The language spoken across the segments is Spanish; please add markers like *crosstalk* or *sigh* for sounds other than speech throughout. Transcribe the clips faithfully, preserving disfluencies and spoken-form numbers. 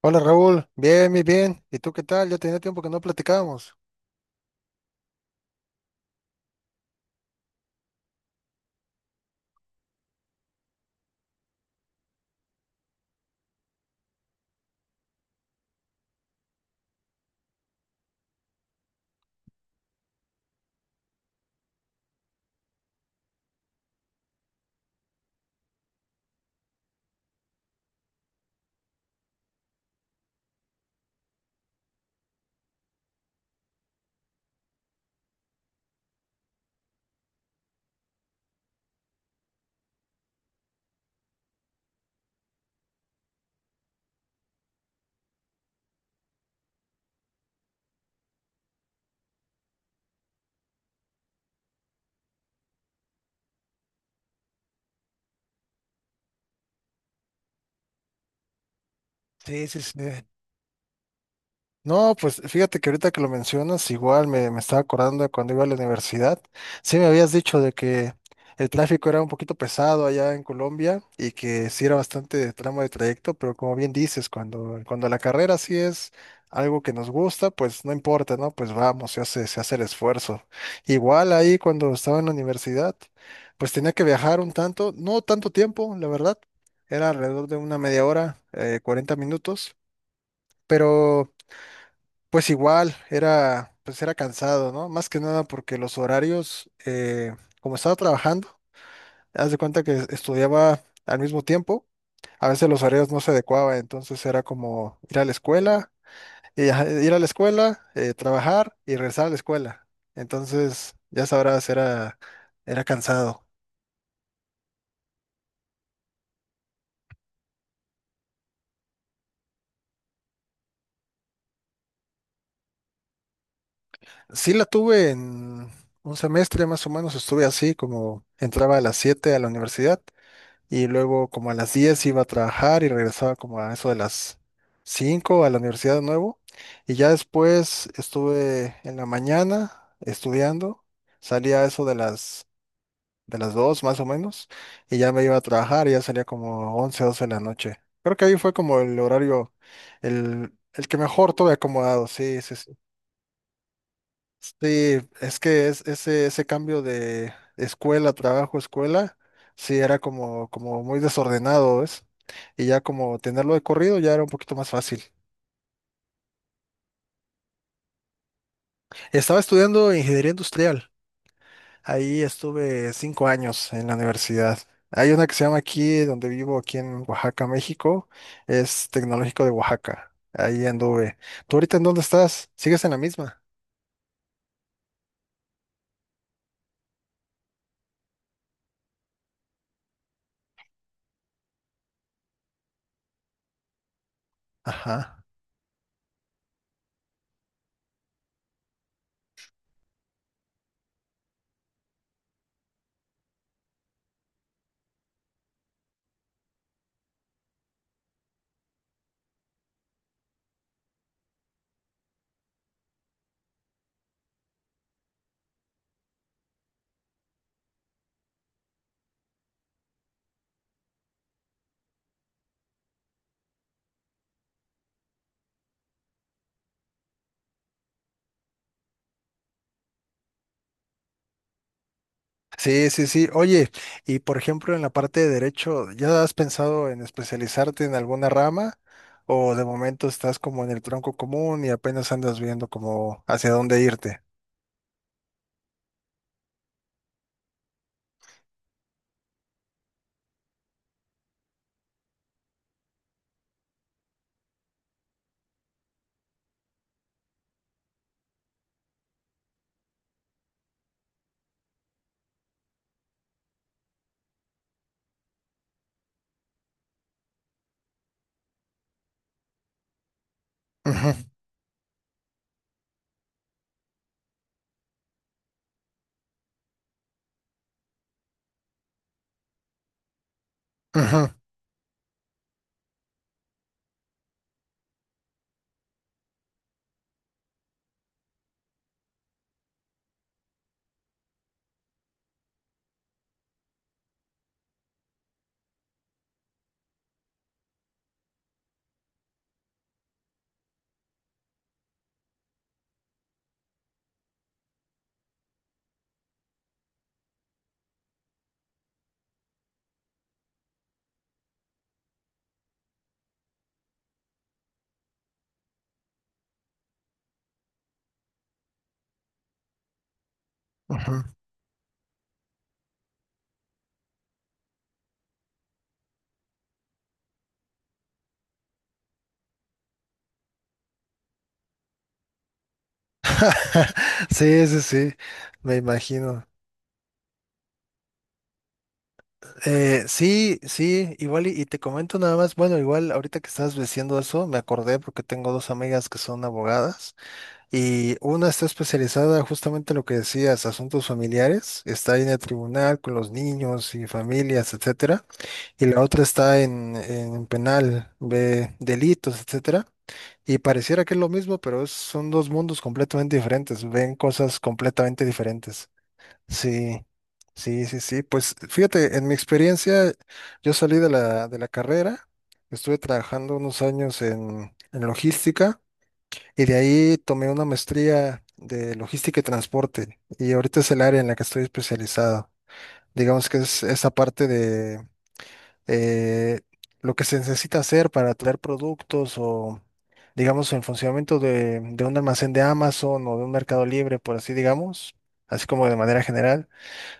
Hola Raúl, bien, bien, bien. ¿Y tú qué tal? Ya tenía tiempo que no platicábamos. Sí, sí, sí. No, pues fíjate que ahorita que lo mencionas, igual me, me estaba acordando de cuando iba a la universidad. Sí, me habías dicho de que el tráfico era un poquito pesado allá en Colombia y que sí era bastante de tramo de trayecto, pero como bien dices, cuando, cuando la carrera sí es algo que nos gusta, pues no importa, ¿no? Pues vamos, se hace, se hace el esfuerzo. Igual ahí cuando estaba en la universidad, pues tenía que viajar un tanto, no tanto tiempo, la verdad, era alrededor de una media hora, eh, cuarenta minutos, pero... Pues igual, era, pues era cansado, ¿no? Más que nada porque los horarios, eh, como estaba trabajando, haz de cuenta que estudiaba al mismo tiempo, a veces los horarios no se adecuaban, entonces era como ir a la escuela, y ajá, ir a la escuela, eh, trabajar y regresar a la escuela. Entonces, ya sabrás, era, era cansado. Sí la tuve en un semestre más o menos, estuve así, como entraba a las siete a la universidad y luego como a las diez iba a trabajar y regresaba como a eso de las cinco a la universidad de nuevo. Y ya después estuve en la mañana estudiando, salía a eso de las, de las dos más o menos, y ya me iba a trabajar y ya salía como once doce de la noche. Creo que ahí fue como el horario, el, el que mejor tuve acomodado, sí, sí, sí. Sí, es que es, ese, ese cambio de escuela, trabajo, escuela, sí era como, como muy desordenado, ¿ves? Y ya como tenerlo de corrido ya era un poquito más fácil. Estaba estudiando ingeniería industrial. Ahí estuve cinco años en la universidad. Hay una que se llama aquí, donde vivo, aquí en Oaxaca, México. Es Tecnológico de Oaxaca. Ahí anduve. ¿Tú ahorita en dónde estás? ¿Sigues en la misma? Ajá. Sí, sí, sí. Oye, y por ejemplo, en la parte de derecho, ¿ya has pensado en especializarte en alguna rama? ¿O de momento estás como en el tronco común y apenas andas viendo como hacia dónde irte? Ujú, ujú, ujú. *laughs* Sí, sí, sí, me imagino. Eh, sí, sí, igual y, y te comento nada más, bueno, igual ahorita que estabas diciendo eso, me acordé porque tengo dos amigas que son abogadas. Y una está especializada justamente en lo que decías, asuntos familiares, está ahí en el tribunal con los niños y familias, etcétera. Y la otra está en, en penal, ve delitos, etcétera. Y pareciera que es lo mismo, pero es- son dos mundos completamente diferentes, ven cosas completamente diferentes. Sí, sí, sí, sí. Pues fíjate, en mi experiencia, yo salí de la, de la carrera, estuve trabajando unos años en, en logística y de ahí tomé una maestría de logística y transporte. Y ahorita es el área en la que estoy especializado. Digamos que es esa parte de eh, lo que se necesita hacer para traer productos o, digamos, el funcionamiento de, de un almacén de Amazon o de un mercado libre, por así digamos, así como de manera general,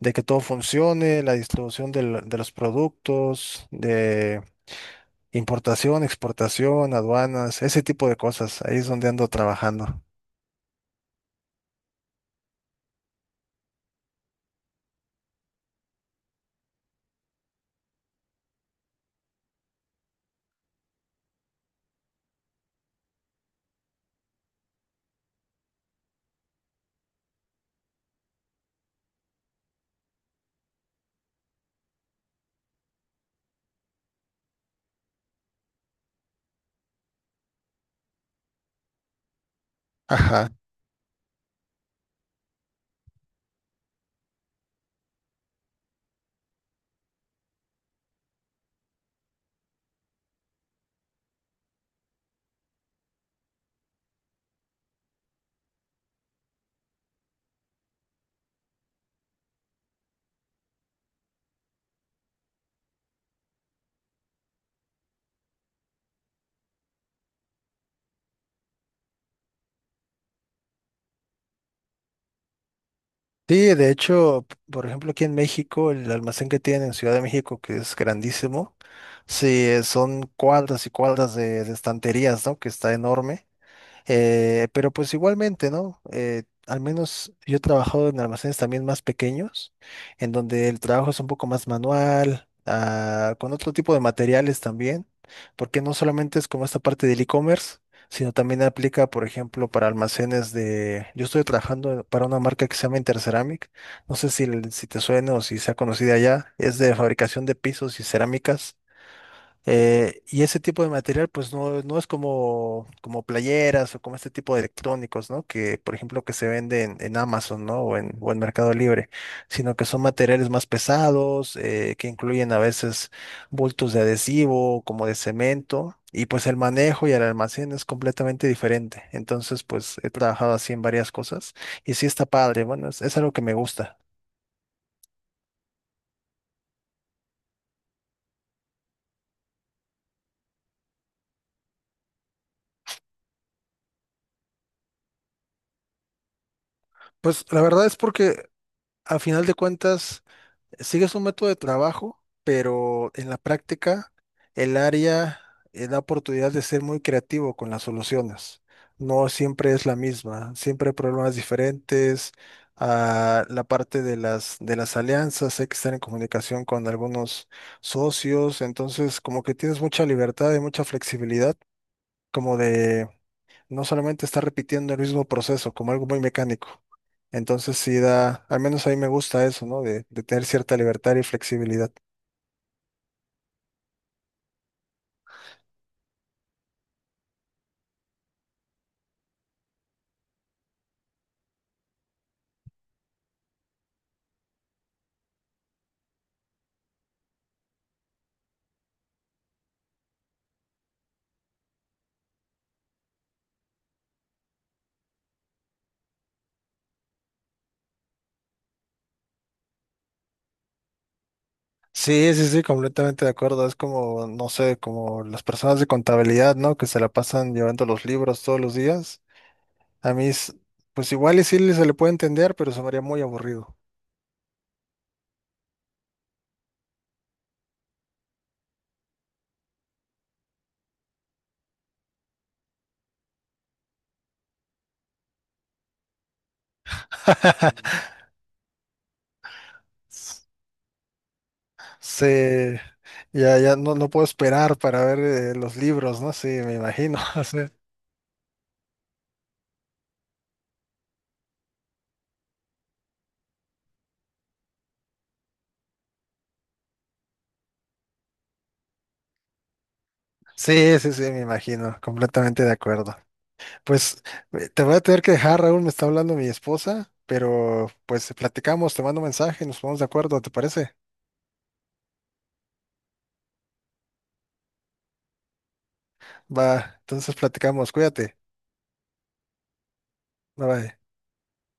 de que todo funcione, la distribución del- de los productos, de importación, exportación, aduanas, ese tipo de cosas. Ahí es donde ando trabajando. Ajá. Sí, de hecho, p- por ejemplo, aquí en México, el almacén que tienen en Ciudad de México, que es grandísimo, sí, eh, son cuadras y cuadras de, de estanterías, ¿no? Que está enorme. Eh, pero pues igualmente, ¿no? Eh, al menos yo he trabajado en almacenes también más pequeños, en donde el trabajo es un poco más manual, ah, con otro tipo de materiales también, porque no solamente es como esta parte del e-commerce, sino también aplica, por ejemplo, para almacenes de... Yo estoy trabajando para una marca que se llama Interceramic, no sé si, si te suena o si sea conocida ya, es de fabricación de pisos y cerámicas. Eh, y ese tipo de material, pues no, no es como, como, playeras o como este tipo de electrónicos, ¿no? Que, por ejemplo, que se venden en Amazon, ¿no? O en, o en Mercado Libre, sino que son materiales más pesados, eh, que incluyen a veces bultos de adhesivo, como de cemento, y pues el manejo y el almacén es completamente diferente. Entonces, pues he trabajado así en varias cosas y sí está padre, bueno, es, es algo que me gusta. Pues la verdad es porque a final de cuentas sigues un método de trabajo, pero en la práctica el área eh, da oportunidad de ser muy creativo con las soluciones. No siempre es la misma, siempre hay problemas diferentes. Ah, la parte de las, de las alianzas, hay que estar en comunicación con algunos socios, entonces como que tienes mucha libertad y mucha flexibilidad como de no solamente está repitiendo el mismo proceso como algo muy mecánico. Entonces sí da, al menos a mí me gusta eso, ¿no? De, de tener cierta libertad y flexibilidad. Sí, sí, sí, completamente de acuerdo. Es como, no sé, como las personas de contabilidad, ¿no? Que se la pasan llevando los libros todos los días. A mí, es- pues igual y sí le- se le puede entender, pero se me haría muy aburrido. *laughs* Se, ya, ya no, no puedo esperar para ver eh, los libros, ¿no? Sí, me imagino. *laughs* sí. Sí, sí, sí, me imagino, completamente de acuerdo. Pues eh, te voy a tener que dejar, Raúl, me está hablando mi esposa, pero pues platicamos, te mando mensaje, nos ponemos de acuerdo, ¿te parece? Va, entonces platicamos, cuídate, bye bye.